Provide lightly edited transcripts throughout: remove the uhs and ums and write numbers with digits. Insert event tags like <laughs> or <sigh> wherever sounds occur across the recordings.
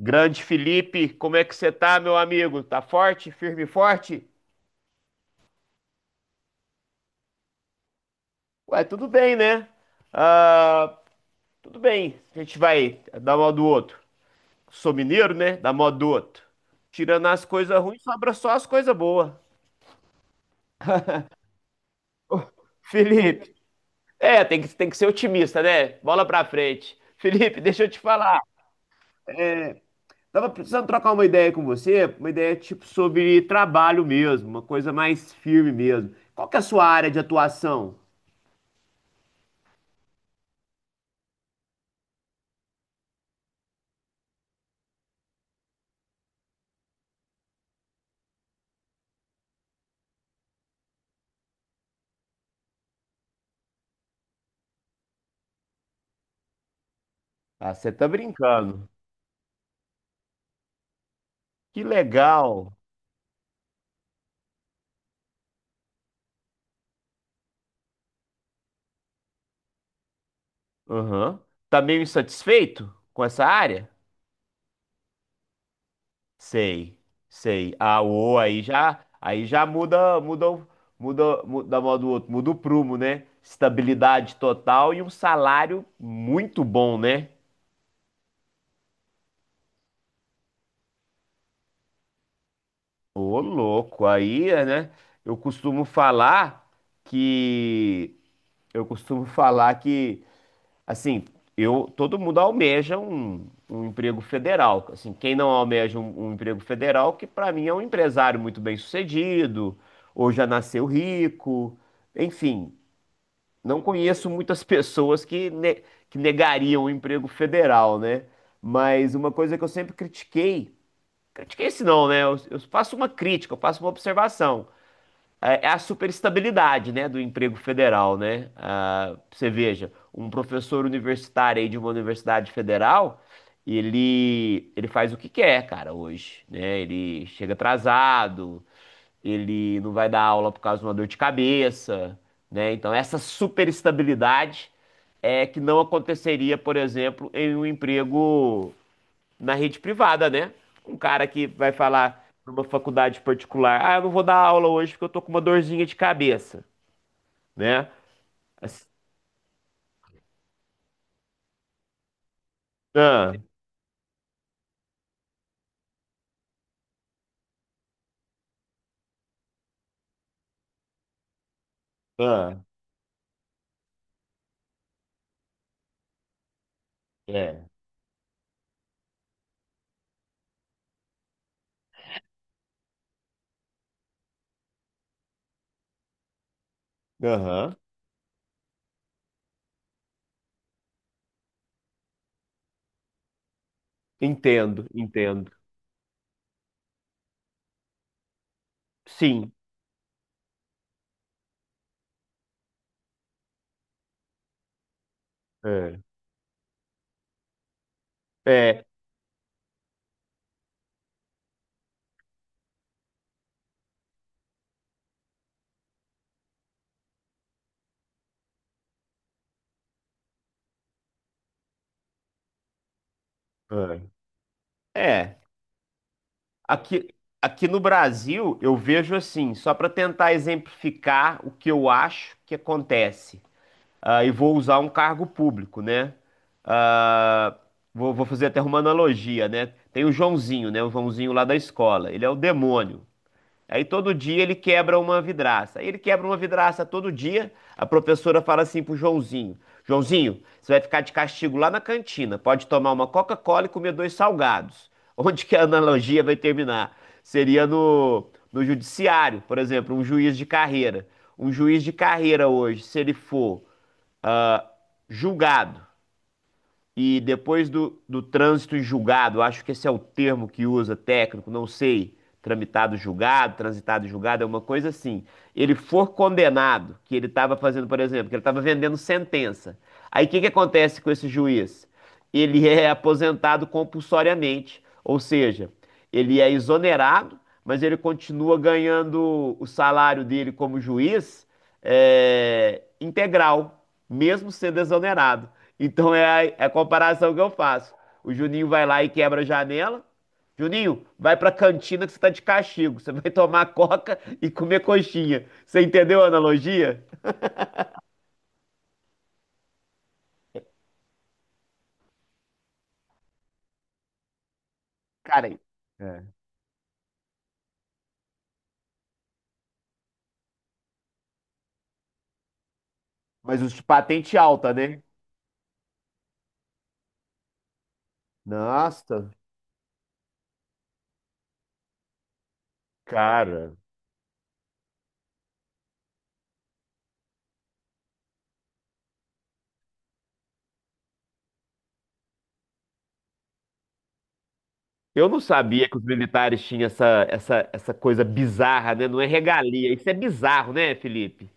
Grande Felipe, como é que você tá, meu amigo? Tá forte, firme e forte? Ué, tudo bem, né? Ah, tudo bem. A gente vai dar mal do outro. Sou mineiro, né? Dar mal do outro. Tirando as coisas ruins, sobra só as coisas boas. Felipe, é, tem que ser otimista, né? Bola pra frente. Felipe, deixa eu te falar. É, tava precisando trocar uma ideia com você, uma ideia tipo sobre trabalho mesmo, uma coisa mais firme mesmo. Qual que é a sua área de atuação? Ah, você tá brincando. Que legal. Aham. Tá meio insatisfeito com essa área? Sei, sei. Ah, aí já muda, muda, muda a mão do outro, muda o prumo, né? Estabilidade total e um salário muito bom, né? Ô, louco, aí, é, né? Eu costumo falar que eu costumo falar que Assim, eu, todo mundo almeja um emprego federal. Assim, quem não almeja um emprego federal, que para mim é um empresário muito bem-sucedido, ou já nasceu rico, enfim, não conheço muitas pessoas que negariam o emprego federal, né? Mas uma coisa que eu sempre critiquei, critiquei se não, né? Eu faço uma crítica, eu faço uma observação. É a superestabilidade, né, do emprego federal, né? Ah, você veja, um professor universitário aí de uma universidade federal, ele faz o que quer, cara, hoje, né? Ele chega atrasado, ele não vai dar aula por causa de uma dor de cabeça, né? Então, essa superestabilidade é que não aconteceria, por exemplo, em um emprego na rede privada, né? Um cara que vai falar numa faculdade particular, ah, eu não vou dar aula hoje porque eu tô com uma dorzinha de cabeça, né? Assim, ah, ah, é. Aham. Entendo, entendo. Sim. É. É. É. É. Aqui, aqui no Brasil, eu vejo assim, só para tentar exemplificar o que eu acho que acontece. E vou usar um cargo público, né? Ah, vou fazer até uma analogia, né? Tem o Joãozinho, né? O Joãozinho lá da escola. Ele é o demônio. Aí todo dia ele quebra uma vidraça. Aí ele quebra uma vidraça todo dia. A professora fala assim pro Joãozinho: Joãozinho, você vai ficar de castigo lá na cantina. Pode tomar uma Coca-Cola e comer dois salgados. <laughs> Onde que a analogia vai terminar? Seria no judiciário, por exemplo, um juiz de carreira. Um juiz de carreira hoje, se ele for ah, julgado. E depois do trânsito em julgado, acho que esse é o termo que usa técnico, não sei, tramitado julgado, transitado em julgado, é uma coisa assim. Ele for condenado, que ele estava fazendo, por exemplo, que ele estava vendendo sentença. Aí o que que acontece com esse juiz? Ele é aposentado compulsoriamente, ou seja, ele é exonerado, mas ele continua ganhando o salário dele como juiz é, integral mesmo sendo exonerado. Então é é a comparação que eu faço. O Juninho vai lá e quebra a janela. Juninho, vai pra cantina que você tá de castigo. Você vai tomar coca e comer coxinha. Você entendeu a analogia? Cara, é. Mas os de patente alta, né? Nossa. Cara, eu não sabia que os militares tinham essa coisa bizarra, né? Não é regalia. Isso é bizarro, né, Felipe?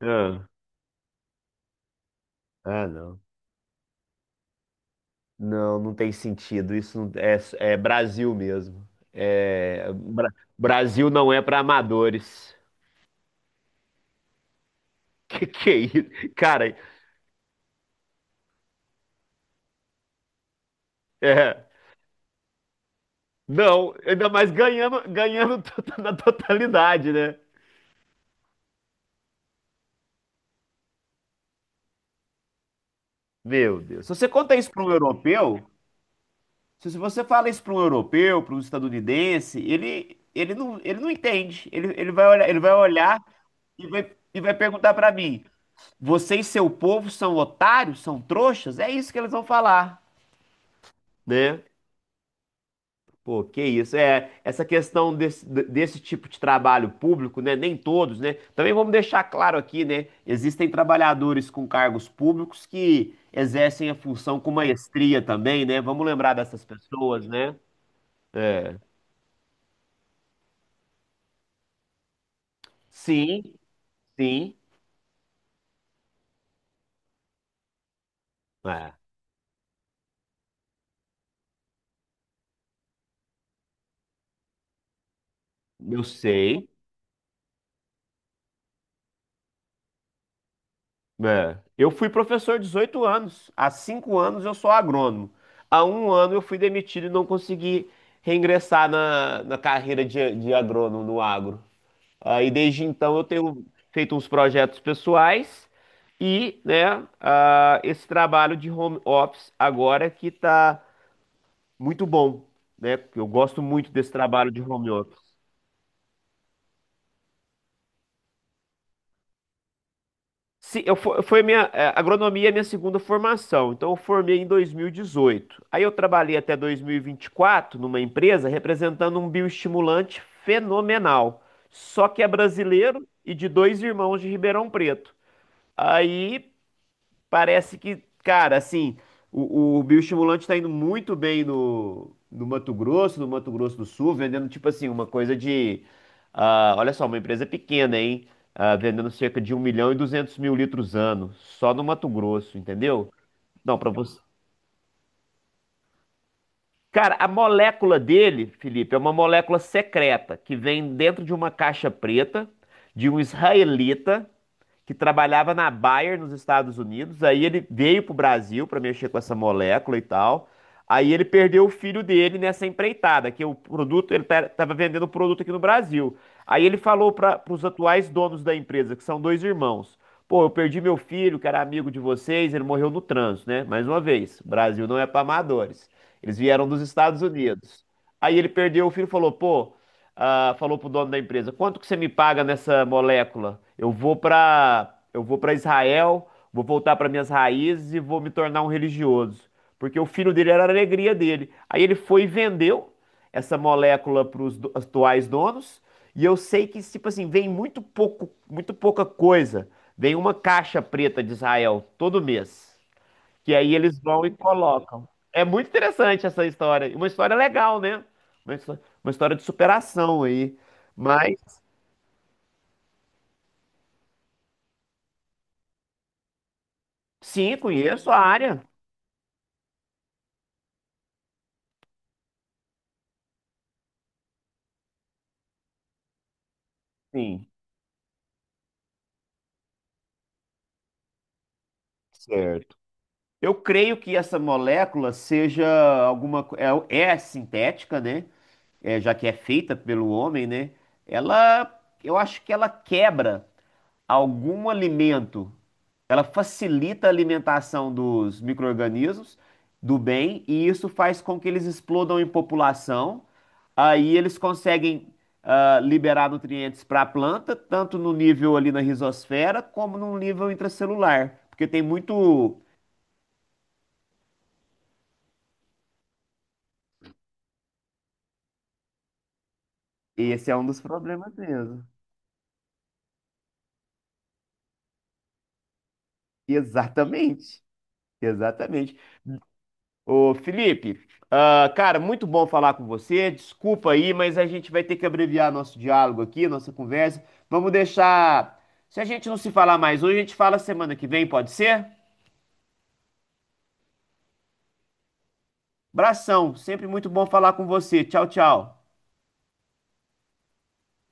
Ah. Ah, não. Não, não tem sentido. Isso não- é, é Brasil mesmo. É, Bra- Brasil não é para amadores. <laughs> Que é isso? Cara, é, não, ainda mais ganhando, ganhando <laughs> to- na totalidade, né? Meu Deus. Se você conta isso para um europeu, se você fala isso para um europeu, para um estadunidense, ele não entende. Ele vai olhar, ele vai olhar e vai perguntar para mim: vocês, seu povo, são otários, são trouxas? É isso que eles vão falar. Né? Pô, que isso. É, essa questão desse tipo de trabalho público, né? Nem todos, né? Também vamos deixar claro aqui, né? Existem trabalhadores com cargos públicos que exercem a função com maestria também, né? Vamos lembrar dessas pessoas, né? É. Sim, sim. É. Eu sei. É. Eu fui professor 18 anos. Há cinco anos eu sou agrônomo. Há um ano eu fui demitido e não consegui reingressar na carreira de agrônomo no agro. Aí desde então eu tenho feito uns projetos pessoais e, né, esse trabalho de home office agora que tá muito bom, né? Eu gosto muito desse trabalho de home office. Se eu fo- Foi minha agronomia é minha segunda formação, então eu formei em 2018. Aí eu trabalhei até 2024 numa empresa representando um bioestimulante fenomenal, só que é brasileiro e de dois irmãos de Ribeirão Preto. Aí parece que, cara, assim, o bioestimulante está indo muito bem no Mato Grosso, no Mato Grosso do Sul, vendendo tipo assim, uma coisa de. Ah, olha só, uma empresa pequena, hein? Ah, vendendo cerca de um milhão e 200 mil litros ano, só no Mato Grosso, entendeu? Não, para você. Cara, a molécula dele, Felipe, é uma molécula secreta que vem dentro de uma caixa preta de um israelita que trabalhava na Bayer nos Estados Unidos. Aí ele veio pro Brasil para mexer com essa molécula e tal. Aí ele perdeu o filho dele nessa empreitada, que o produto, ele estava vendendo o produto aqui no Brasil. Aí ele falou para os atuais donos da empresa, que são dois irmãos. Pô, eu perdi meu filho, que era amigo de vocês, ele morreu no trânsito, né? Mais uma vez, o Brasil não é para amadores. Eles vieram dos Estados Unidos. Aí ele perdeu, o filho e falou, pô, falou pro dono da empresa, quanto que você me paga nessa molécula? Eu vou para Israel, vou voltar para minhas raízes e vou me tornar um religioso, porque o filho dele era a alegria dele. Aí ele foi e vendeu essa molécula para os atuais donos, e eu sei que tipo assim, vem muito pouco, muito pouca coisa. Vem uma caixa preta de Israel todo mês. Que aí eles vão e colocam. É muito interessante essa história. E uma história legal, né? Uma, histó- uma história de superação aí. Mas, sim, conheço a área. Sim, certo. Eu creio que essa molécula seja alguma. co- É, é sintética, né? É, já que é feita pelo homem, né? Ela. Eu acho que ela quebra algum alimento. Ela facilita a alimentação dos micro-organismos do bem e isso faz com que eles explodam em população. Aí eles conseguem liberar nutrientes para a planta, tanto no nível ali na rizosfera, como no nível intracelular. Porque tem muito. Esse é um dos problemas mesmo. Exatamente. Exatamente. Ô, Felipe, cara, muito bom falar com você. Desculpa aí, mas a gente vai ter que abreviar nosso diálogo aqui, nossa conversa. Vamos deixar. Se a gente não se falar mais hoje, a gente fala semana que vem, pode ser? Abração, sempre muito bom falar com você. Tchau, tchau.